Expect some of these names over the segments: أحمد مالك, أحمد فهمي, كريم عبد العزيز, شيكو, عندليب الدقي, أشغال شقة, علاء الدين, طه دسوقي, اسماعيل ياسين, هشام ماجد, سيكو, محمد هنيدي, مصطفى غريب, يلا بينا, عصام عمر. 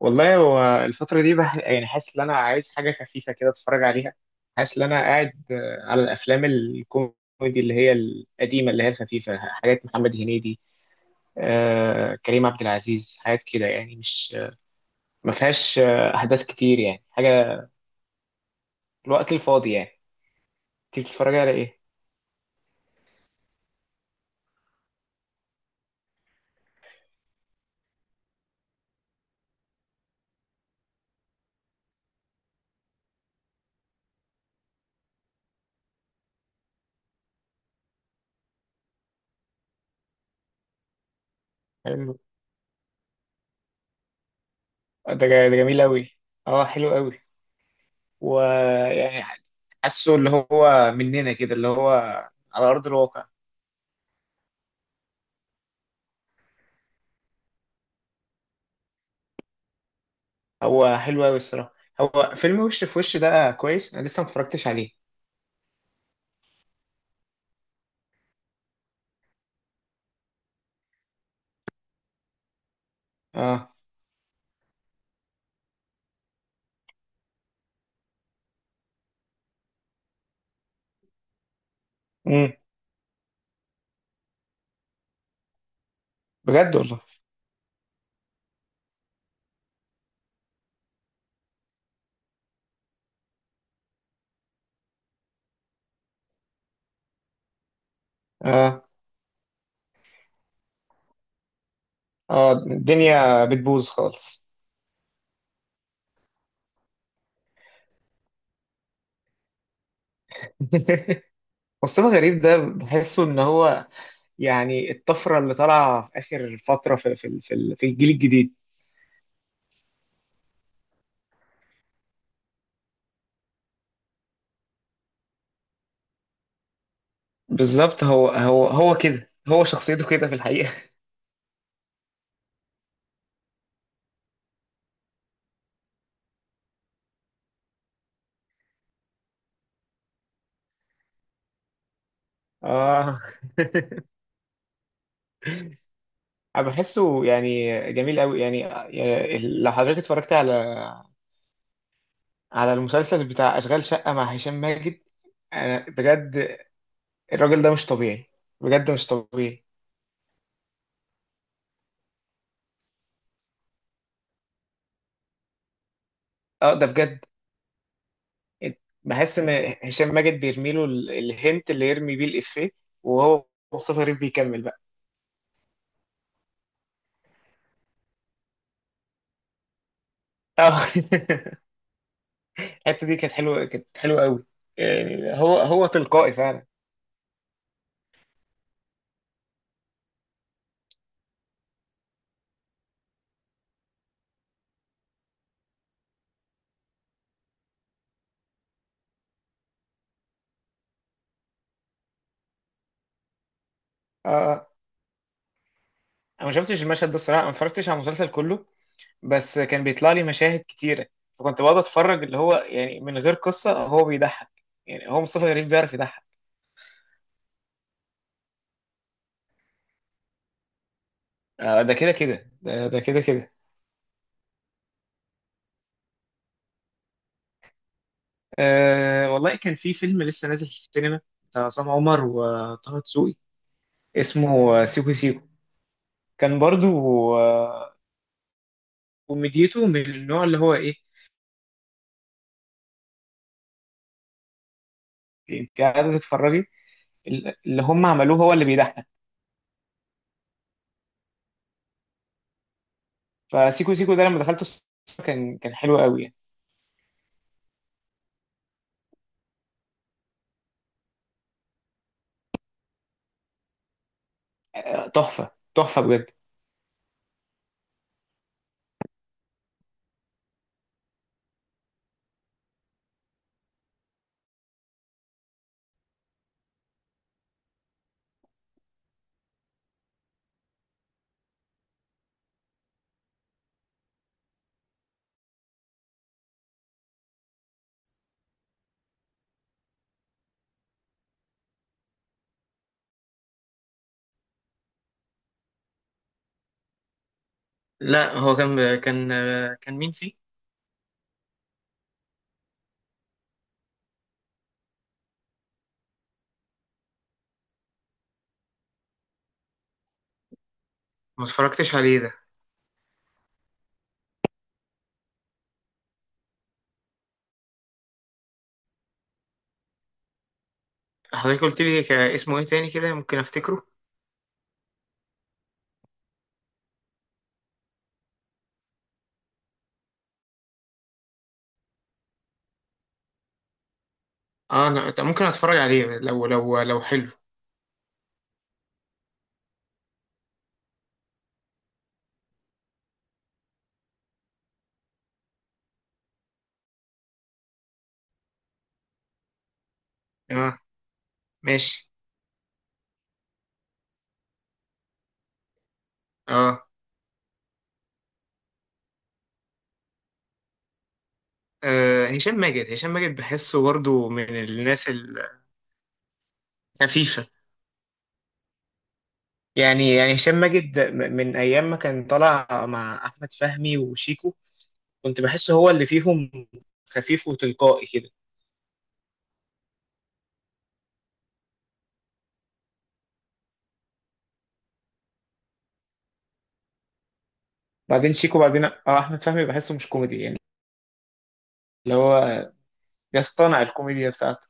والله هو الفترة دي يعني حاسس إن أنا عايز حاجة خفيفة كده أتفرج عليها. حاسس إن أنا قاعد، على الأفلام الكوميدي اللي هي القديمة اللي هي الخفيفة، حاجات محمد هنيدي، كريم عبد العزيز، حاجات كده يعني. مش ما فيهاش أحداث كتير يعني، حاجة الوقت الفاضي يعني. تيجي تتفرج على إيه؟ حلو. ده جميل أوي. أه حلو أوي. ويعني حاسه اللي هو مننا كده، اللي هو على أرض الواقع. هو حلو قوي الصراحه. هو فيلم وش في وش ده كويس، انا لسه ما اتفرجتش عليه. اه. امم. بجد والله. اه. اه الدنيا بتبوظ خالص. مصطفى غريب ده بحسه ان هو يعني الطفره اللي طالعه في اخر فتره في الجيل الجديد. بالظبط، هو كده، هو شخصيته كده في الحقيقه. اه. انا بحسه يعني جميل قوي يعني، يعني لو حضرتك اتفرجت على على المسلسل بتاع أشغال شقة مع هشام ماجد، أنا بجد الراجل ده مش طبيعي، بجد مش طبيعي. أه ده بجد. بحس إن هشام ماجد بيرميله الهنت اللي يرمي بيه الإفيه، وهو مصطفى غريب بيكمل بقى. أه. الحتة دي كانت حلوة، كانت حلوة قوي. يعني هو تلقائي فعلا. أه أه. أنا ما شفتش المشهد ده الصراحة، ما اتفرجتش على المسلسل كله، بس كان بيطلع لي مشاهد كتيرة، فكنت بقعد أتفرج اللي هو يعني من غير قصة هو بيضحك. يعني هو مصطفى غريب بيعرف يضحك. ده كده كده ده ده كده كده. أه والله كان في فيلم لسه نازل في السينما بتاع عصام عمر وطه دسوقي، اسمه سيكو سيكو. كان برضو، آه، كوميديته من النوع اللي هو ايه، انت قاعده تتفرجي اللي هم عملوه هو اللي بيضحك. فسيكو سيكو ده لما دخلته السينما كان حلو قوي يعني. تحفه تحفه بجد. لا، هو كان كان مين فيه؟ ما اتفرجتش عليه ده. حضرتك قلت لي اسمه ايه تاني كده ممكن افتكره. اه انا ممكن اتفرج عليه لو لو حلو. اه ماشي. اه. هشام ماجد، هشام ماجد بحسه برضه من الناس الخفيفة. يعني يعني هشام ماجد من أيام ما كان طالع مع أحمد فهمي وشيكو، كنت بحسه هو اللي فيهم خفيف وتلقائي كده. بعدين شيكو، بعدين اه أحمد فهمي بحسه مش كوميدي يعني، اللي هو يصطنع الكوميديا بتاعته.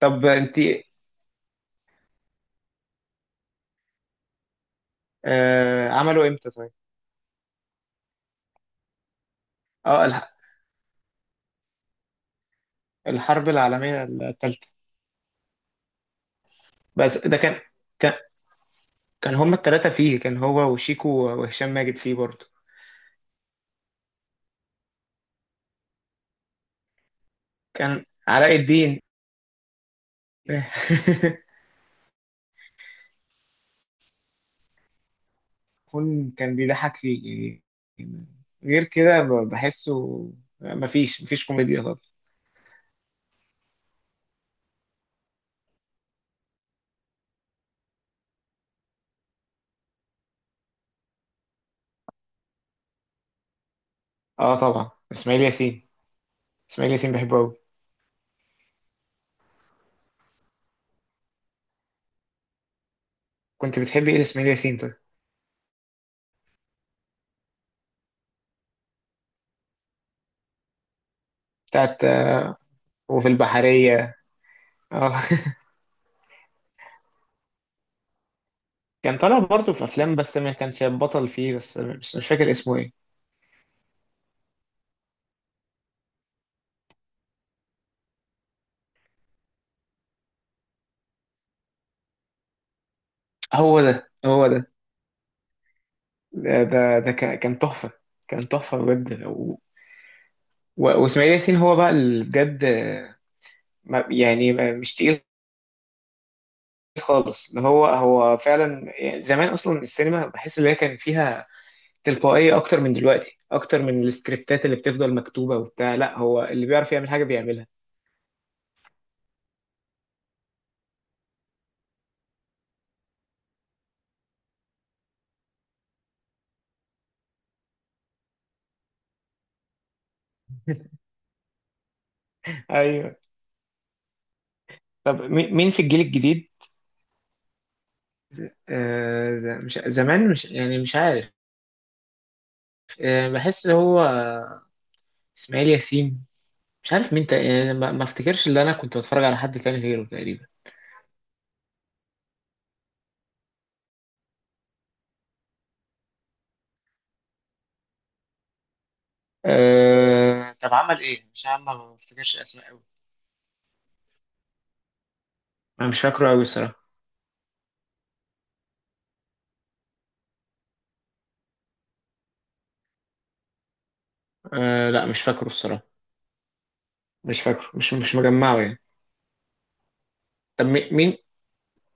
طب أنت. آه عملوا إمتى طيب؟ اه الحرب العالمية الثالثة. بس ده كان، كان كان هما التلاتة فيه، كان هو وشيكو وهشام ماجد فيه برضه. كان علاء الدين. كون كان بيضحك فيه يعني. غير كده بحسه مفيش كوميديا خالص. اه طبعا اسماعيل ياسين، اسماعيل ياسين بحبه قوي. كنت بتحب ايه لاسماعيل ياسين طيب؟ بتاعت وفي البحرية. اه. كان طالع برضه في افلام بس ما كانش بطل فيه، بس مش فاكر اسمه ايه. هو ده هو ده. ده كان تحفة، كان تحفة بجد. و- و- واسماعيل ياسين هو بقى اللي بجد، مش تقيل خالص، اللي هو فعلا يعني زمان اصلا السينما بحس ان هي كان فيها تلقائيه اكتر من دلوقتي، اكتر من السكريبتات اللي بتفضل مكتوبه وبتاع. لا هو اللي بيعرف يعمل حاجه بيعملها. ايوه. طب مين في الجيل الجديد؟ مش زمان، مش يعني مش عارف. آه بحس اللي هو اسماعيل ياسين. مش عارف يعني ما افتكرش اللي انا كنت بتفرج على حد تاني غيره تقريبا. آه... طب عمل ايه؟ مش عارف ما بفتكرش اسماء قوي. انا مش فاكره قوي الصراحه. آه... لا مش فاكره الصراحه. مش فاكره، مش مجمعه يعني. طب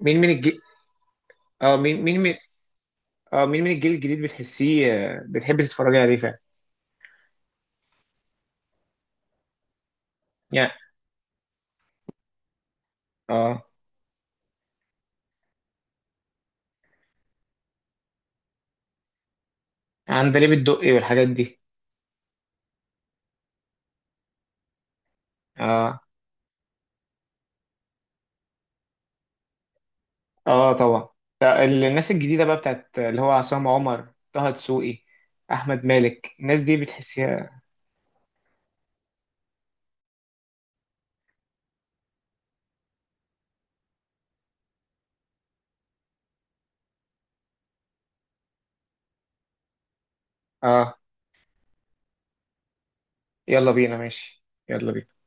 مين من الجيل. اه مين من، اه مين من الجيل الجديد بتحسيه، بتحبي تتفرجي عليه فعلا؟ يعني. اه عندليب الدقي والحاجات دي. اه. اه طبعا. ده الناس الجديده بقى بتاعت اللي هو عصام عمر، طه دسوقي، احمد مالك، الناس دي بتحسيها. اه يلا بينا، ماشي يلا بينا.